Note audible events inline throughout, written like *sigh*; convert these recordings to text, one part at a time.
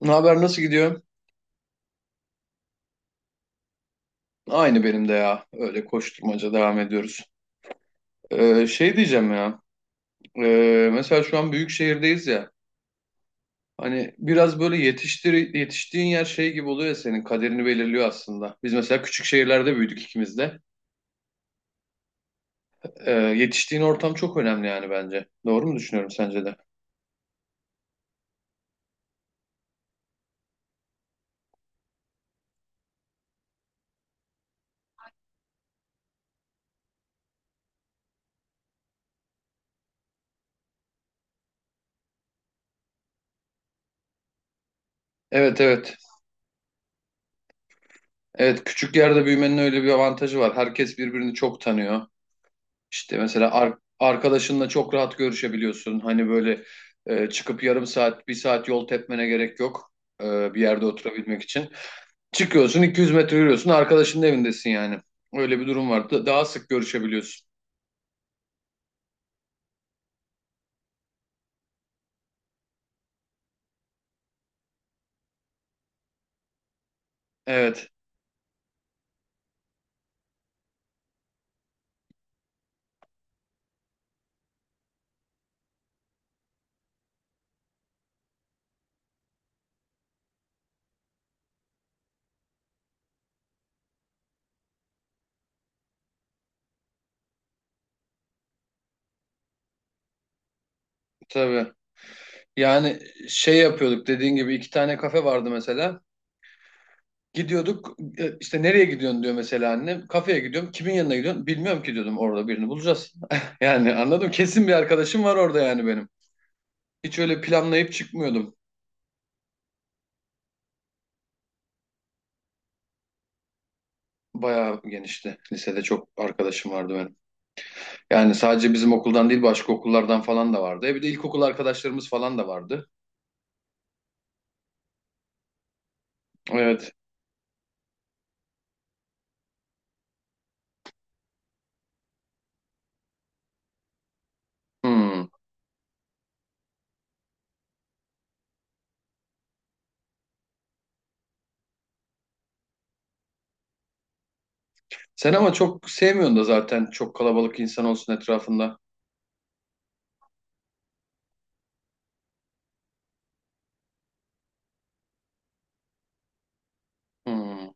Ne haber, nasıl gidiyor? Aynı benim de ya. Öyle koşturmaca devam ediyoruz. Şey diyeceğim ya. Mesela şu an büyük şehirdeyiz ya. Hani biraz böyle yetiştiğin yer şey gibi oluyor ya, senin kaderini belirliyor aslında. Biz mesela küçük şehirlerde büyüdük ikimiz de. Yetiştiğin ortam çok önemli yani bence. Doğru mu düşünüyorum sence de? Evet evet. Evet, küçük yerde büyümenin öyle bir avantajı var. Herkes birbirini çok tanıyor. İşte mesela arkadaşınla çok rahat görüşebiliyorsun. Hani böyle çıkıp yarım saat, bir saat yol tepmene gerek yok bir yerde oturabilmek için. Çıkıyorsun 200 metre yürüyorsun, arkadaşının evindesin yani. Öyle bir durum var. Daha sık görüşebiliyorsun. Evet, tabii. Yani şey yapıyorduk, dediğin gibi iki tane kafe vardı mesela. Gidiyorduk işte, nereye gidiyorsun diyor mesela annem. Kafeye gidiyorum. Kimin yanına gidiyorsun? Bilmiyorum ki diyordum, orada birini bulacağız. *laughs* Yani anladım, kesin bir arkadaşım var orada yani benim. Hiç öyle planlayıp çıkmıyordum. Bayağı genişti. Lisede çok arkadaşım vardı benim. Yani sadece bizim okuldan değil, başka okullardan falan da vardı. Bir de ilkokul arkadaşlarımız falan da vardı. Evet. Hmm. Sen ama çok sevmiyorsun da zaten çok kalabalık insan olsun etrafında. Hmm.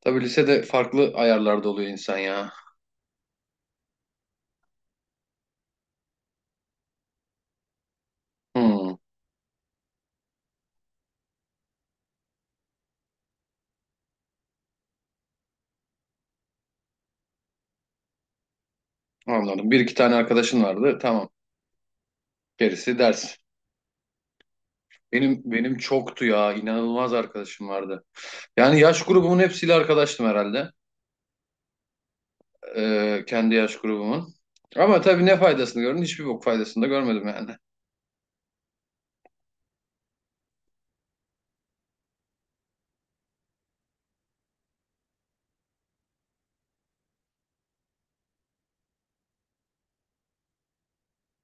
Tabii lisede farklı ayarlarda oluyor insan ya. Hmm. Anladım. Bir iki tane arkadaşın vardı. Tamam. Gerisi ders. Benim çoktu ya. İnanılmaz arkadaşım vardı. Yani yaş grubumun hepsiyle arkadaştım herhalde. Kendi yaş grubumun. Ama tabii ne faydasını gördün? Hiçbir bok faydasını da görmedim yani.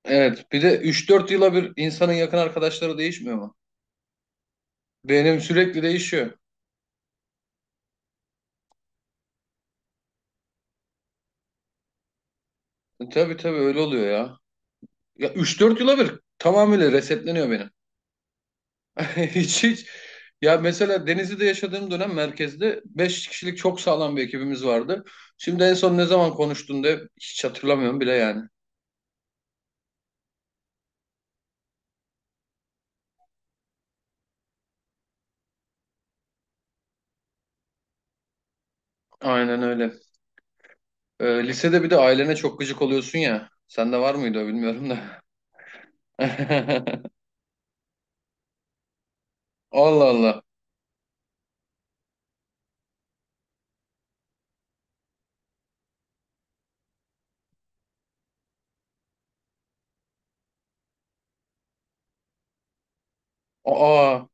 Evet, bir de üç dört yıla bir insanın yakın arkadaşları değişmiyor mu? Benim sürekli değişiyor. Tabii tabii, öyle oluyor ya. Ya üç dört yıla bir tamamıyla resetleniyor benim. *laughs* Hiç hiç. Ya mesela Denizli'de yaşadığım dönem merkezde 5 kişilik çok sağlam bir ekibimiz vardı. Şimdi en son ne zaman konuştuğunda hiç hatırlamıyorum bile yani. Aynen öyle. Lisede bir de ailene çok gıcık oluyorsun ya. Sende var mıydı o, bilmiyorum da. *laughs* Allah Allah. Aa,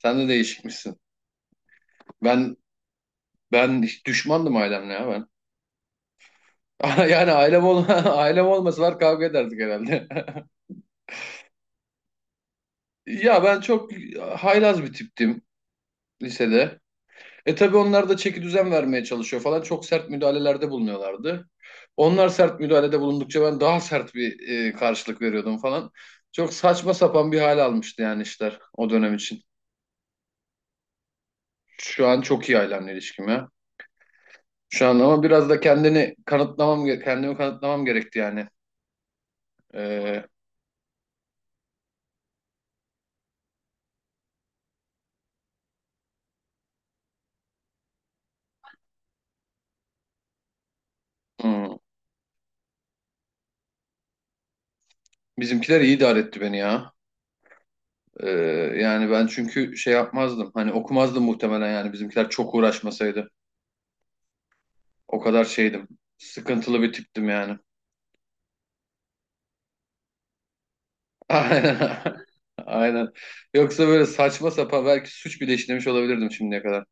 sen de değişikmişsin. Ben ben hiç düşmandım ailemle ya ben. *laughs* Yani ailem ol *laughs* ailem olmasalar kavga ederdik herhalde. *laughs* Ya ben çok haylaz bir tiptim lisede. Tabii onlar da çeki düzen vermeye çalışıyor falan. Çok sert müdahalelerde bulunuyorlardı. Onlar sert müdahalede bulundukça ben daha sert bir karşılık veriyordum falan. Çok saçma sapan bir hal almıştı yani işler o dönem için. Şu an çok iyi ailemle ilişkim ya. Şu an ama biraz da kendimi kanıtlamam gerekti yani. Ee, hmm. Bizimkiler iyi idare etti beni ya. Ee, Yani ben çünkü şey yapmazdım. Hani okumazdım muhtemelen yani, bizimkiler çok uğraşmasaydı. O kadar şeydim. Sıkıntılı bir tiptim yani. *laughs* Aynen. Aynen. Yoksa böyle saçma sapan, belki suç bile işlemiş olabilirdim şimdiye kadar.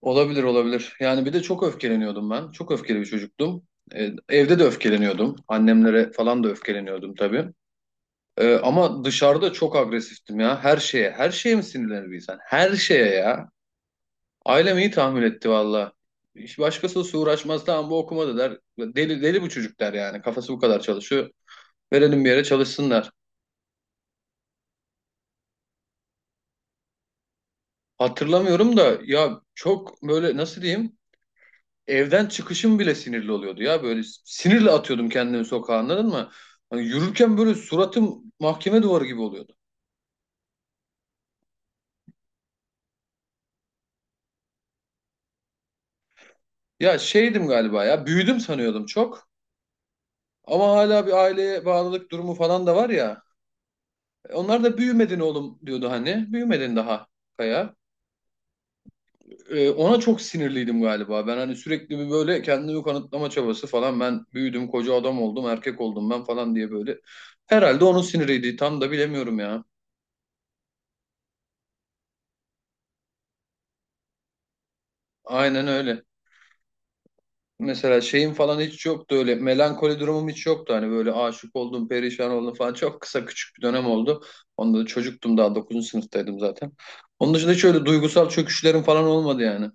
Olabilir olabilir. Yani bir de çok öfkeleniyordum ben. Çok öfkeli bir çocuktum. Evde de öfkeleniyordum. Annemlere falan da öfkeleniyordum tabii. Ama dışarıda çok agresiftim ya. Her şeye. Her şeye mi sinirlenir bir insan? Her şeye ya. Ailem iyi tahmin etti valla. Hiç başkası uğraşmaz. Tamam, bu okumadı der. Deli, deli bu çocuk der yani. Kafası bu kadar çalışıyor. Verelim bir yere, çalışsınlar. Hatırlamıyorum da ya, çok böyle nasıl diyeyim? Evden çıkışım bile sinirli oluyordu ya. Böyle sinirle atıyordum kendimi sokağa, anladın mı? Hani yürürken böyle suratım mahkeme duvarı gibi oluyordu. Ya şeydim galiba ya. Büyüdüm sanıyordum çok. Ama hala bir aileye bağlılık durumu falan da var ya. Onlar da büyümedin oğlum diyordu hani. Büyümedin daha Kaya. Ona çok sinirliydim galiba. Ben hani sürekli bir böyle kendimi kanıtlama çabası falan. Ben büyüdüm, koca adam oldum, erkek oldum ben falan diye böyle. Herhalde onun siniriydi. Tam da bilemiyorum ya. Aynen öyle. Mesela şeyim falan hiç yoktu, öyle melankoli durumum hiç yoktu, hani böyle aşık oldum perişan oldum falan çok kısa küçük bir dönem oldu. Onda da çocuktum, daha dokuzuncu sınıftaydım zaten. Onun dışında hiç öyle duygusal çöküşlerim falan olmadı yani.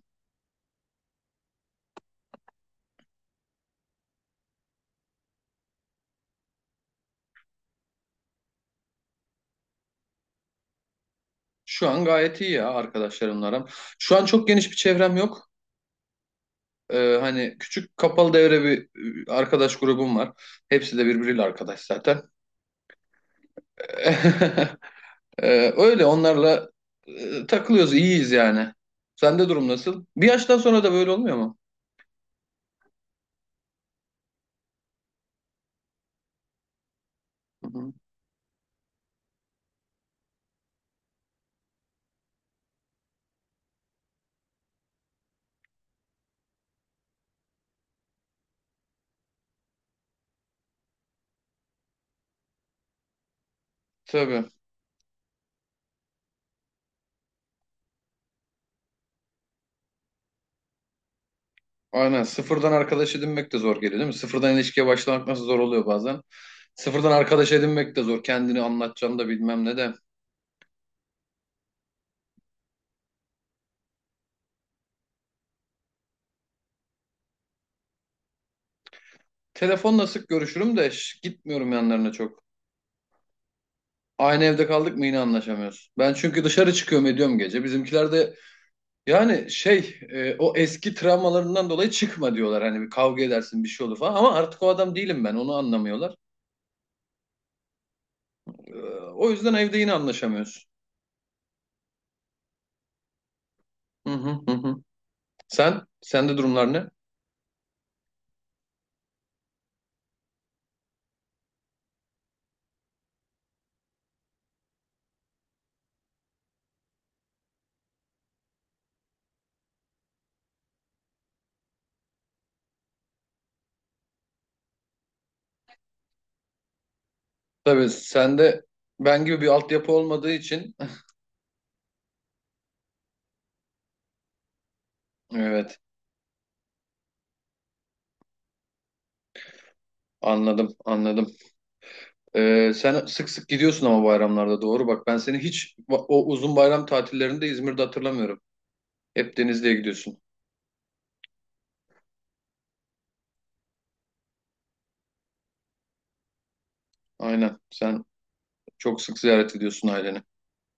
Şu an gayet iyi ya arkadaşlarımla aram. Şu an çok geniş bir çevrem yok. Hani küçük kapalı devre bir arkadaş grubum var. Hepsi de birbiriyle arkadaş zaten. *laughs* Öyle onlarla takılıyoruz, iyiyiz yani. Sende durum nasıl? Bir yaştan sonra da böyle olmuyor mu? Tabii. Aynen. Sıfırdan arkadaş edinmek de zor geliyor değil mi? Sıfırdan ilişkiye başlamak nasıl zor oluyor bazen. Sıfırdan arkadaş edinmek de zor. Kendini anlatacağını da bilmem ne de. Telefonla sık görüşürüm de, gitmiyorum yanlarına çok. Aynı evde kaldık mı yine anlaşamıyoruz. Ben çünkü dışarı çıkıyorum ediyorum gece. Bizimkiler de yani şey o eski travmalarından dolayı çıkma diyorlar. Hani bir kavga edersin, bir şey olur falan. Ama artık o adam değilim ben, onu anlamıyorlar. E, O yüzden evde yine anlaşamıyoruz. Hı hı hı, hı. Sen? Sende durumlar ne? Tabii, sende ben gibi bir altyapı olmadığı için. *laughs* Evet, anladım anladım. Sen sık sık gidiyorsun ama bayramlarda, doğru bak, ben seni hiç o uzun bayram tatillerinde İzmir'de hatırlamıyorum. Hep Denizli'ye gidiyorsun. Aynen, sen çok sık ziyaret ediyorsun aileni.